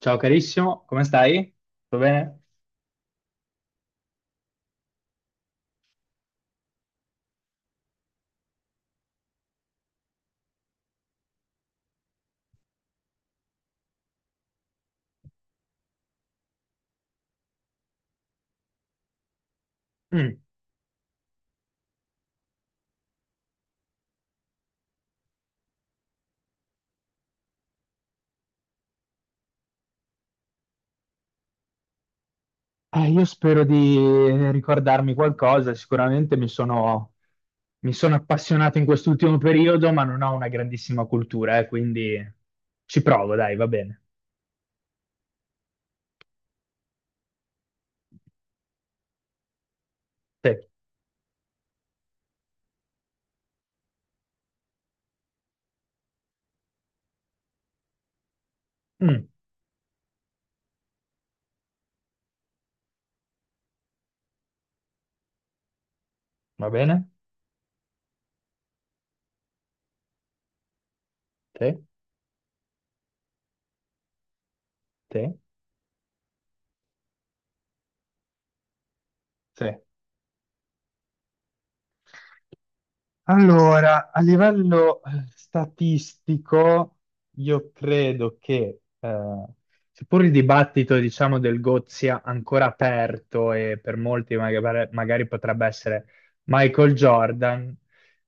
Ciao carissimo, come stai? Tutto bene? Mm. Io spero di ricordarmi qualcosa, sicuramente mi sono appassionato in quest'ultimo periodo, ma non ho una grandissima cultura, quindi ci provo, dai, va bene. Sì. Mm. Va bene? Sì, sì, sì. Allora, a livello statistico, io credo che, seppur il dibattito, diciamo, del GOT sia ancora aperto e per molti magari potrebbe essere Michael Jordan,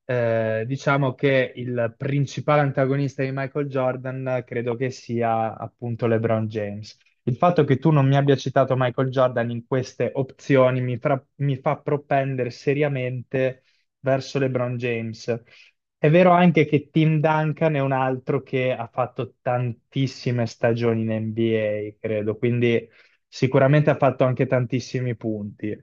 diciamo che il principale antagonista di Michael Jordan credo che sia appunto LeBron James. Il fatto che tu non mi abbia citato Michael Jordan in queste opzioni mi fa propendere seriamente verso LeBron James. È vero anche che Tim Duncan è un altro che ha fatto tantissime stagioni in NBA, credo, quindi sicuramente ha fatto anche tantissimi punti.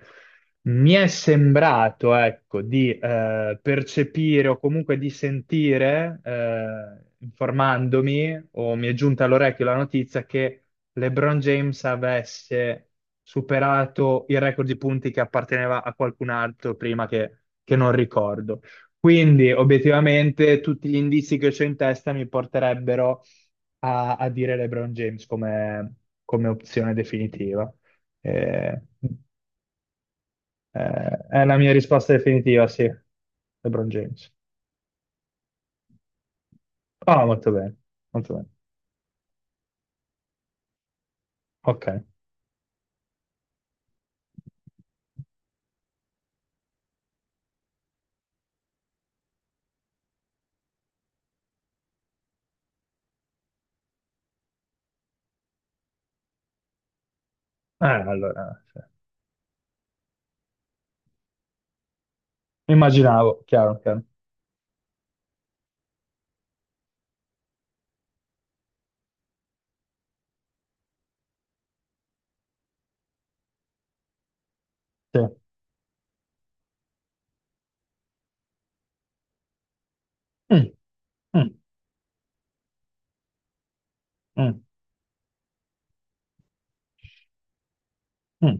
Mi è sembrato, ecco, di percepire o comunque di sentire, informandomi, o mi è giunta all'orecchio la notizia che LeBron James avesse superato il record di punti che apparteneva a qualcun altro che non ricordo. Quindi, obiettivamente, tutti gli indizi che ho in testa mi porterebbero a dire LeBron James come opzione definitiva. Eh, è la mia risposta definitiva, sì. LeBron James. Ah, molto bene, molto bene. Ok. Allora, sì. Immaginavo, chiaro, chiaro. Sì. Mm, mm. Mm, mm.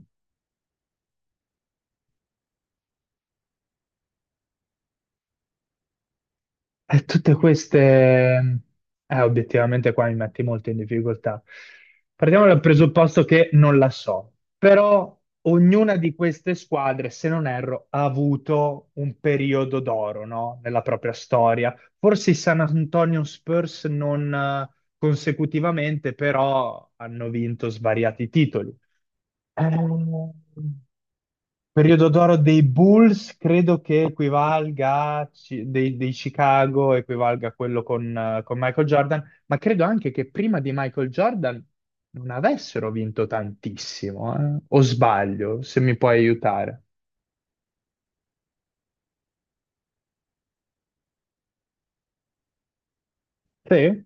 E tutte queste, obiettivamente qua mi metti molto in difficoltà. Partiamo dal presupposto che non la so, però ognuna di queste squadre, se non erro, ha avuto un periodo d'oro, no? Nella propria storia. Forse i San Antonio Spurs non consecutivamente, però hanno vinto svariati titoli. Ehm, Periodo d'oro dei Bulls credo che equivalga a dei Chicago, equivalga a quello con Michael Jordan, ma credo anche che prima di Michael Jordan non avessero vinto tantissimo, eh. O sbaglio, se mi puoi aiutare. Sì,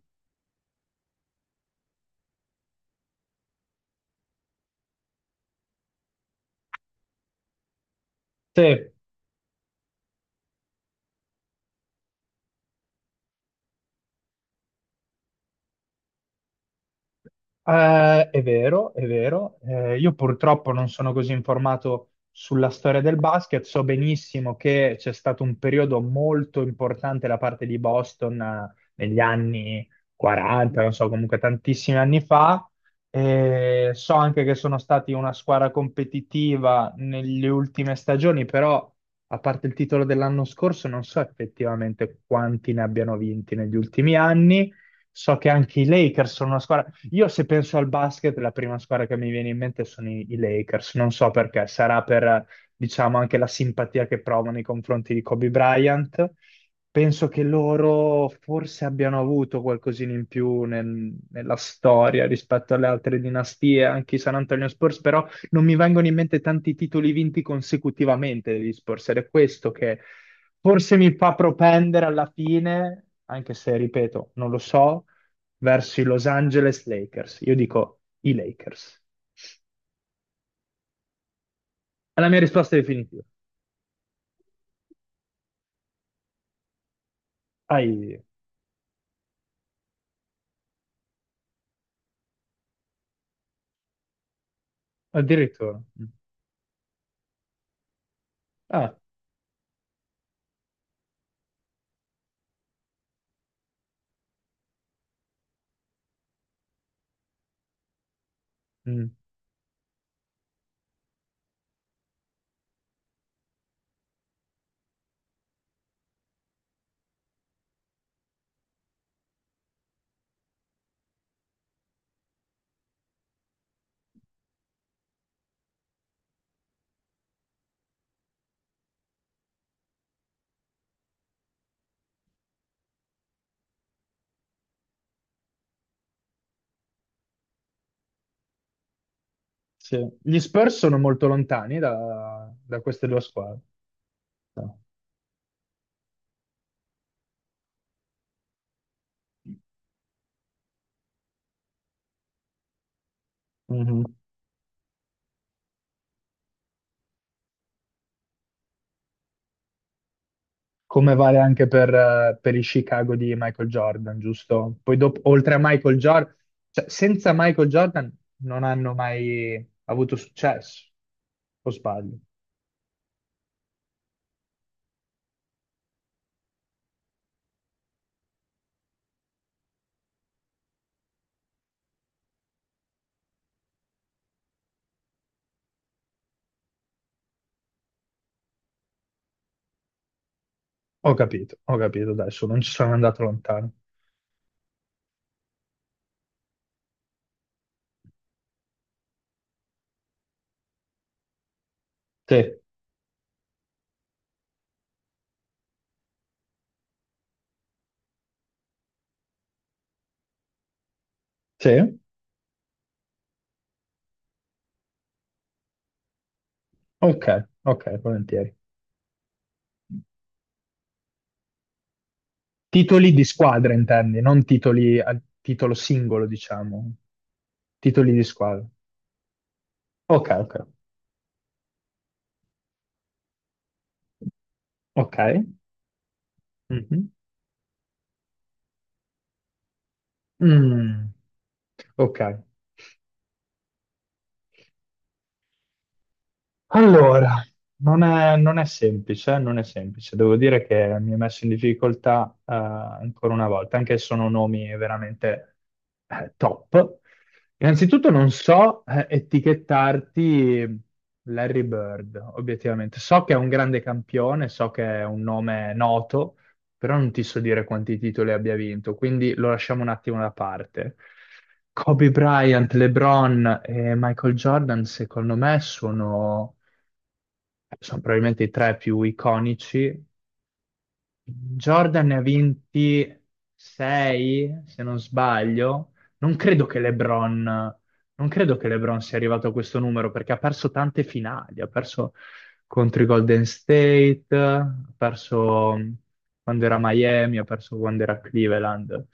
sì. È vero, è vero. Io purtroppo non sono così informato sulla storia del basket. So benissimo che c'è stato un periodo molto importante da parte di Boston, negli anni 40, non so, comunque tantissimi anni fa. So anche che sono stati una squadra competitiva nelle ultime stagioni, però a parte il titolo dell'anno scorso, non so effettivamente quanti ne abbiano vinti negli ultimi anni. So che anche i Lakers sono una squadra io se penso al basket, la prima squadra che mi viene in mente sono i Lakers, non so perché, sarà per, diciamo, anche la simpatia che provo nei confronti di Kobe Bryant. Penso che loro forse abbiano avuto qualcosina in più nella storia rispetto alle altre dinastie, anche i San Antonio Spurs, però non mi vengono in mente tanti titoli vinti consecutivamente degli Spurs, ed è questo che forse mi fa propendere alla fine, anche se, ripeto, non lo so, verso i Los Angeles Lakers. Io dico i Lakers. È la mia risposta definitiva. Ai, addirittura. Mm. Ah, mm, sì. Gli Spurs sono molto lontani da queste due squadre. No. Mhm. Come vale anche per i Chicago di Michael Jordan, giusto? Poi dopo, oltre a Michael Jordan, cioè, senza Michael Jordan non hanno mai avuto successo. O sbaglio? Ho capito, adesso non ci sono andato lontano. Sì. Sì? Ok, ok, volentieri. Titoli di squadra intendi, non titoli a titolo singolo, diciamo. Titoli di squadra. Ok, ok. Ok. Mhm. Mm. Ok. Allora, non è semplice, non è semplice. Devo dire che mi ha messo in difficoltà ancora una volta, anche se sono nomi veramente top. Innanzitutto non so etichettarti Larry Bird, obiettivamente. So che è un grande campione, so che è un nome noto, però non ti so dire quanti titoli abbia vinto, quindi lo lasciamo un attimo da parte. Kobe Bryant, LeBron e Michael Jordan, secondo me, sono probabilmente i tre più iconici. Jordan ne ha vinti 6, se non sbaglio. Non credo che LeBron, non credo che LeBron sia arrivato a questo numero perché ha perso tante finali, ha perso contro i Golden State, ha perso quando era a Miami, ha perso quando era a Cleveland.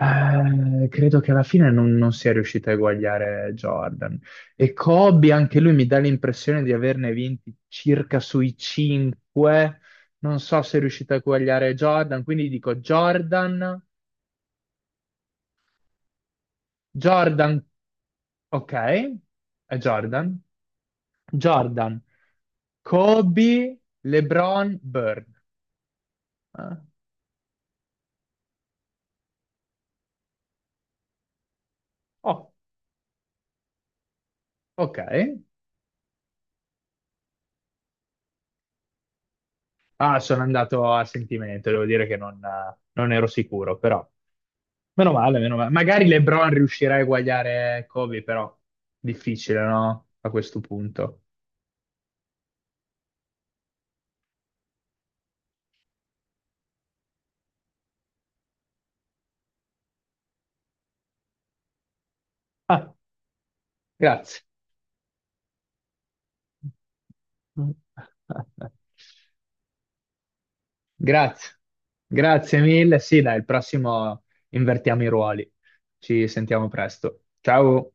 Credo che alla fine non sia riuscito a eguagliare Jordan. E Kobe, anche lui mi dà l'impressione di averne vinti circa sui 5. Non so se è riuscito a eguagliare Jordan, quindi dico Jordan, ok, è Jordan, Jordan, Kobe, LeBron, Bird. Eh, Oh, ok. Ah, sono andato a sentimento, devo dire che non ero sicuro, però. Meno male, meno male. Magari LeBron riuscirà a eguagliare Kobe, però difficile, no? A questo punto. Ah, grazie. Grazie. Grazie mille. Sì, dai, il prossimo invertiamo i ruoli. Ci sentiamo presto. Ciao.